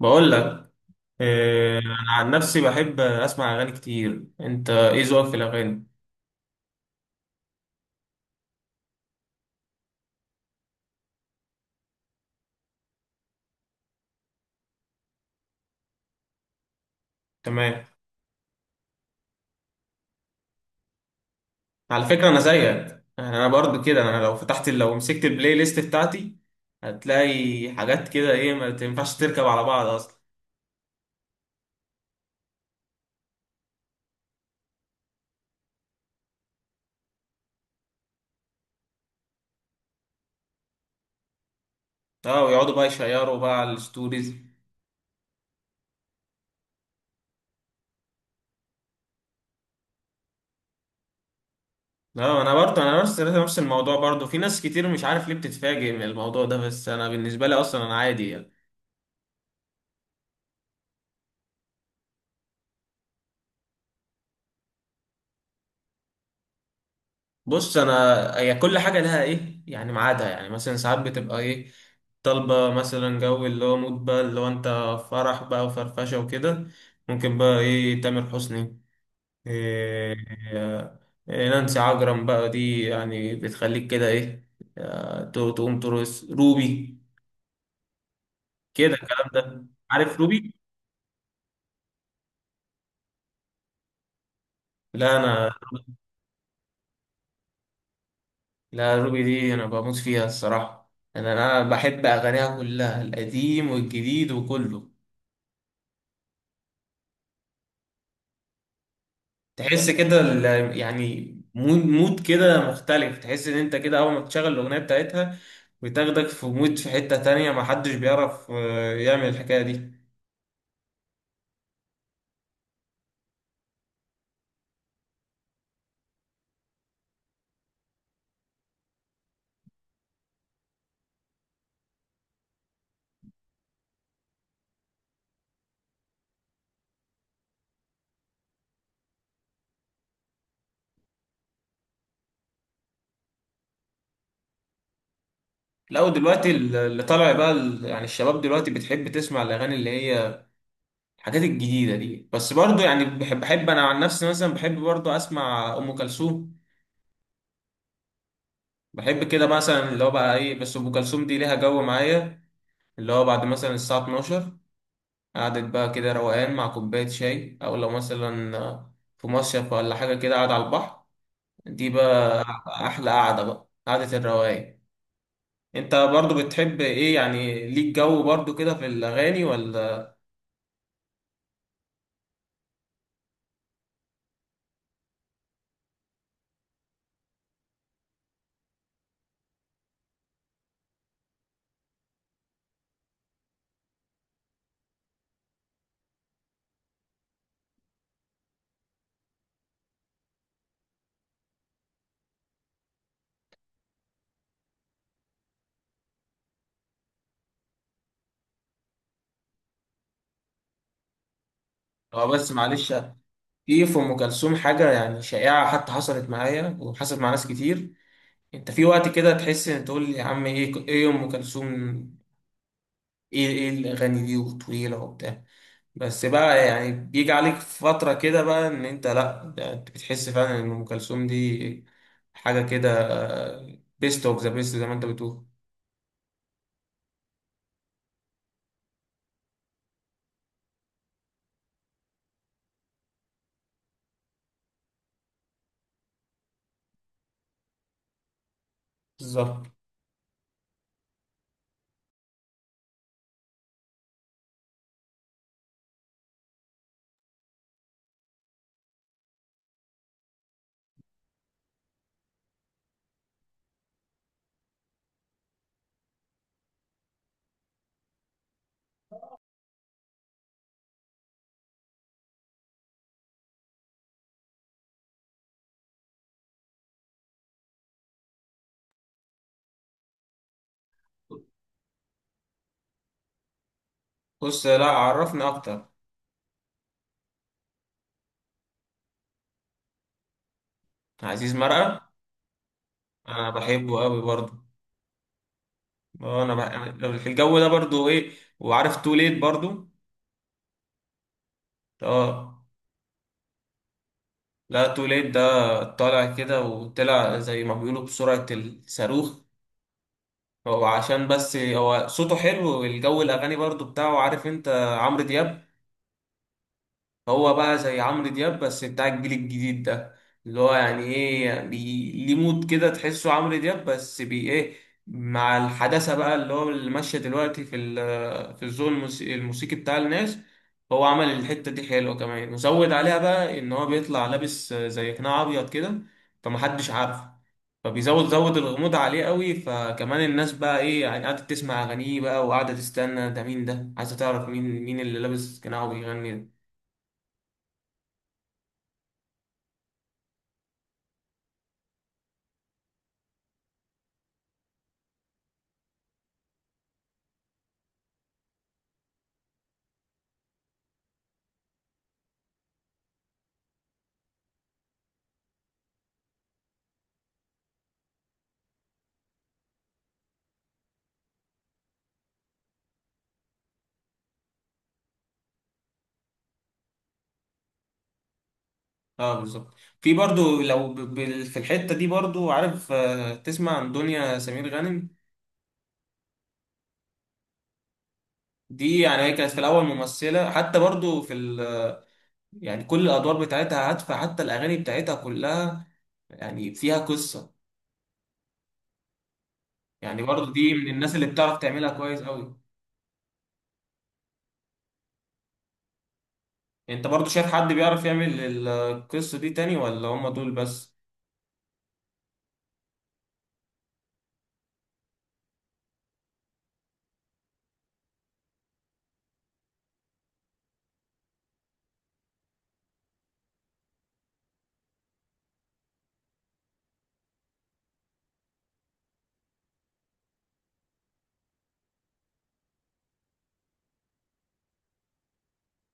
بقول لك. آه، انا عن نفسي بحب اسمع اغاني كتير. انت ايه ذوقك في الاغاني؟ تمام. على فكره انا زيك، يعني انا برضو كده. انا لو فتحت، لو مسكت البلاي ليست بتاعتي هتلاقي حاجات كده ايه ما تنفعش تركب على بعض اصلا. اه، ويقعدوا بقى يشيروا بقى على الستوريز. اه انا برضو، انا نفس الموضوع برضو. في ناس كتير مش عارف ليه بتتفاجئ من الموضوع ده، بس انا بالنسبه لي اصلا انا عادي يعني. بص انا، هي كل حاجه لها ايه يعني ميعادها. يعني مثلا ساعات بتبقى ايه طالبه مثلا جو اللي هو مود بقى، اللي هو انت فرح بقى وفرفشه وكده، ممكن بقى ايه تامر حسني. إيه، إيه، إيه نانسي عجرم بقى دي يعني بتخليك كده ايه. آه، تقوم ترقص روبي كده. الكلام ده عارف، روبي. لا انا، لا روبي دي انا بموت فيها الصراحه. انا، انا بحب اغانيها كلها، القديم والجديد وكله. تحس كده يعني مود مود كده مختلف. تحس ان انت كده اول ما تشغل الاغنيه بتاعتها بتاخدك في مود، في حته تانية ما حدش بيعرف آه، يعمل الحكايه دي. لا دلوقتي اللي طالع بقى يعني الشباب دلوقتي بتحب تسمع الاغاني اللي هي الحاجات الجديده دي، بس برضو يعني بحب انا عن نفسي مثلا بحب برضو اسمع ام كلثوم. بحب كده مثلا اللي هو بقى ايه، بس ام كلثوم دي ليها جو معايا، اللي هو بعد مثلا الساعه 12، قعدة بقى كده روقان مع كوباية شاي، أو لو مثلا في مصيف ولا حاجة كده قاعد على البحر. دي بقى أحلى قعدة، بقى قعدة الروقان. أنت برضو بتحب إيه؟ يعني ليك جو برضو كده في الأغاني ولا؟ هو بس معلش، في في أم كلثوم حاجة يعني شائعة حتى، حصلت معايا وحصلت مع ناس كتير. أنت في وقت كده تحس، إن تقول يا عم إيه، إيه أم كلثوم، إيه إيه الأغاني دي وطويلة وبتاع. بس بقى يعني بيجي عليك فترة كده بقى ان انت لا، ده انت بتحس فعلا ان ام كلثوم دي حاجة كده بيست اوف ذا بيست زي ما انت بتقول. بالظبط. بص لا عرفني اكتر. عزيز مرقة، انا بحبه قوي برضه. اه انا أنا في الجو ده برضه ايه. وعارف تو ليت برضه. اه. لا تو ليت ده طالع كده، وطلع زي ما بيقولوا بسرعة الصاروخ. هو عشان بس هو صوته حلو، والجو الاغاني برضه بتاعه عارف انت عمرو دياب. هو بقى زي عمرو دياب بس بتاع الجيل الجديد ده، اللي هو يعني ايه ليه مود كده تحسه عمرو دياب بس بي ايه، مع الحداثة بقى اللي هو اللي ماشية دلوقتي في في الذوق الموسيقي، الموسيقي بتاع الناس. هو عمل الحتة دي حلوة، كمان وزود عليها بقى ان هو بيطلع لابس زي قناع ابيض كده فمحدش عارفه، زود الغموض عليه قوي. فكمان الناس بقى ايه يعني قاعدة تسمع اغانيه بقى وقاعدة تستنى ده مين، ده عايزة تعرف مين، مين اللي لابس قناع وبيغني ده. اه بالظبط. في برضو لو في الحتة دي برضو عارف آه، تسمع عن دنيا سمير غانم. دي يعني هي كانت في الأول ممثلة حتى برضو في يعني كل الأدوار بتاعتها هادفة، حتى الأغاني بتاعتها كلها يعني فيها قصة. يعني برضو دي من الناس اللي بتعرف تعملها كويس أوي. أنت برضو شايف حد بيعرف يعمل القصة دي تاني ولا هم دول بس؟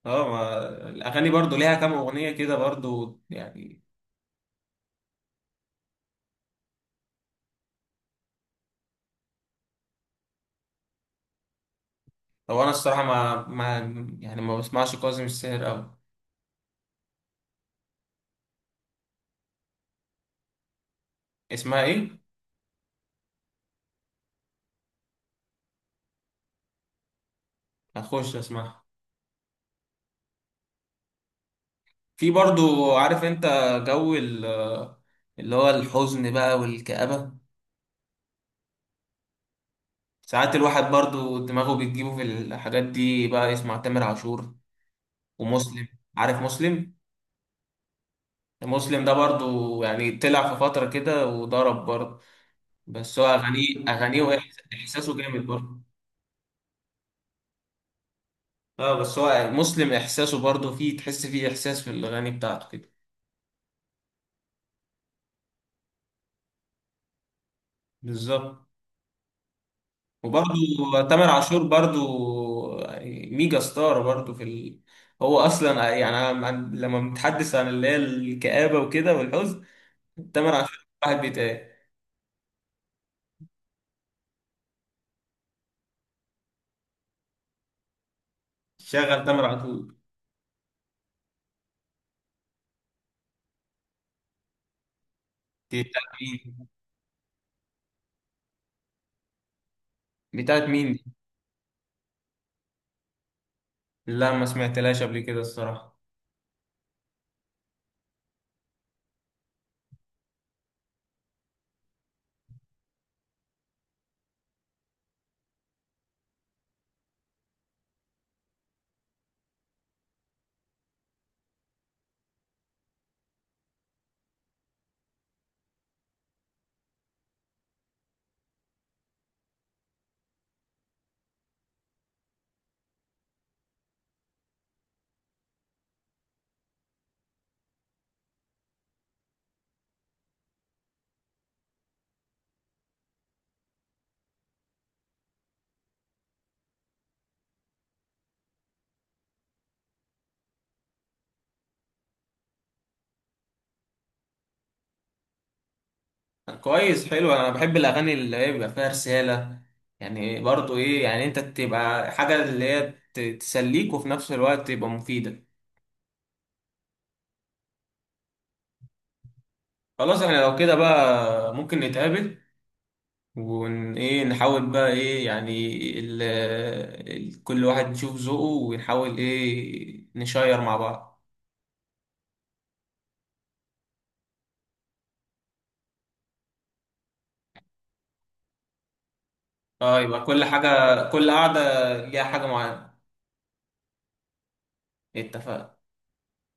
اه ما الأغاني برضو ليها كام أغنية كده برضو يعني. هو أنا الصراحة ما يعني ما بسمعش كاظم الساهر أوي. اسمها إيه؟ هخش اسمعها. في برضو عارف انت جو اللي هو الحزن بقى والكآبة. ساعات الواحد برضو دماغه بتجيبه في الحاجات دي، بقى يسمع تامر عاشور ومسلم. عارف مسلم؟ مسلم ده برضو يعني طلع في فترة كده وضرب برضو، بس هو أغانيه وإحساسه جامد برضو. اه بس هو مسلم إحساسه برضو فيه، تحس فيه إحساس في الأغاني بتاعته كده. بالظبط. وبرضه تامر عاشور برضه ميجا ستار برضه في هو اصلا يعني أنا لما بنتحدث عن اللي هي الكآبة وكده والحزن، تامر عاشور واحد بيتهيألي شغل تامر عاشور. دي بتاعت مين؟ بتاعت مين دي؟ لا ما سمعتلهاش قبل كده الصراحة. كويس حلو، انا بحب الاغاني اللي هي بيبقى فيها رسالة. يعني برضه ايه يعني انت تبقى حاجة اللي هي تسليك، وفي نفس الوقت تبقى مفيدة. خلاص احنا لو كده بقى ممكن نتقابل ون ايه نحاول بقى ايه يعني ال... كل واحد يشوف ذوقه ونحاول ايه نشير مع بعض. اه يبقى كل حاجة، كل قعدة ليها حاجة معينة. اتفقنا.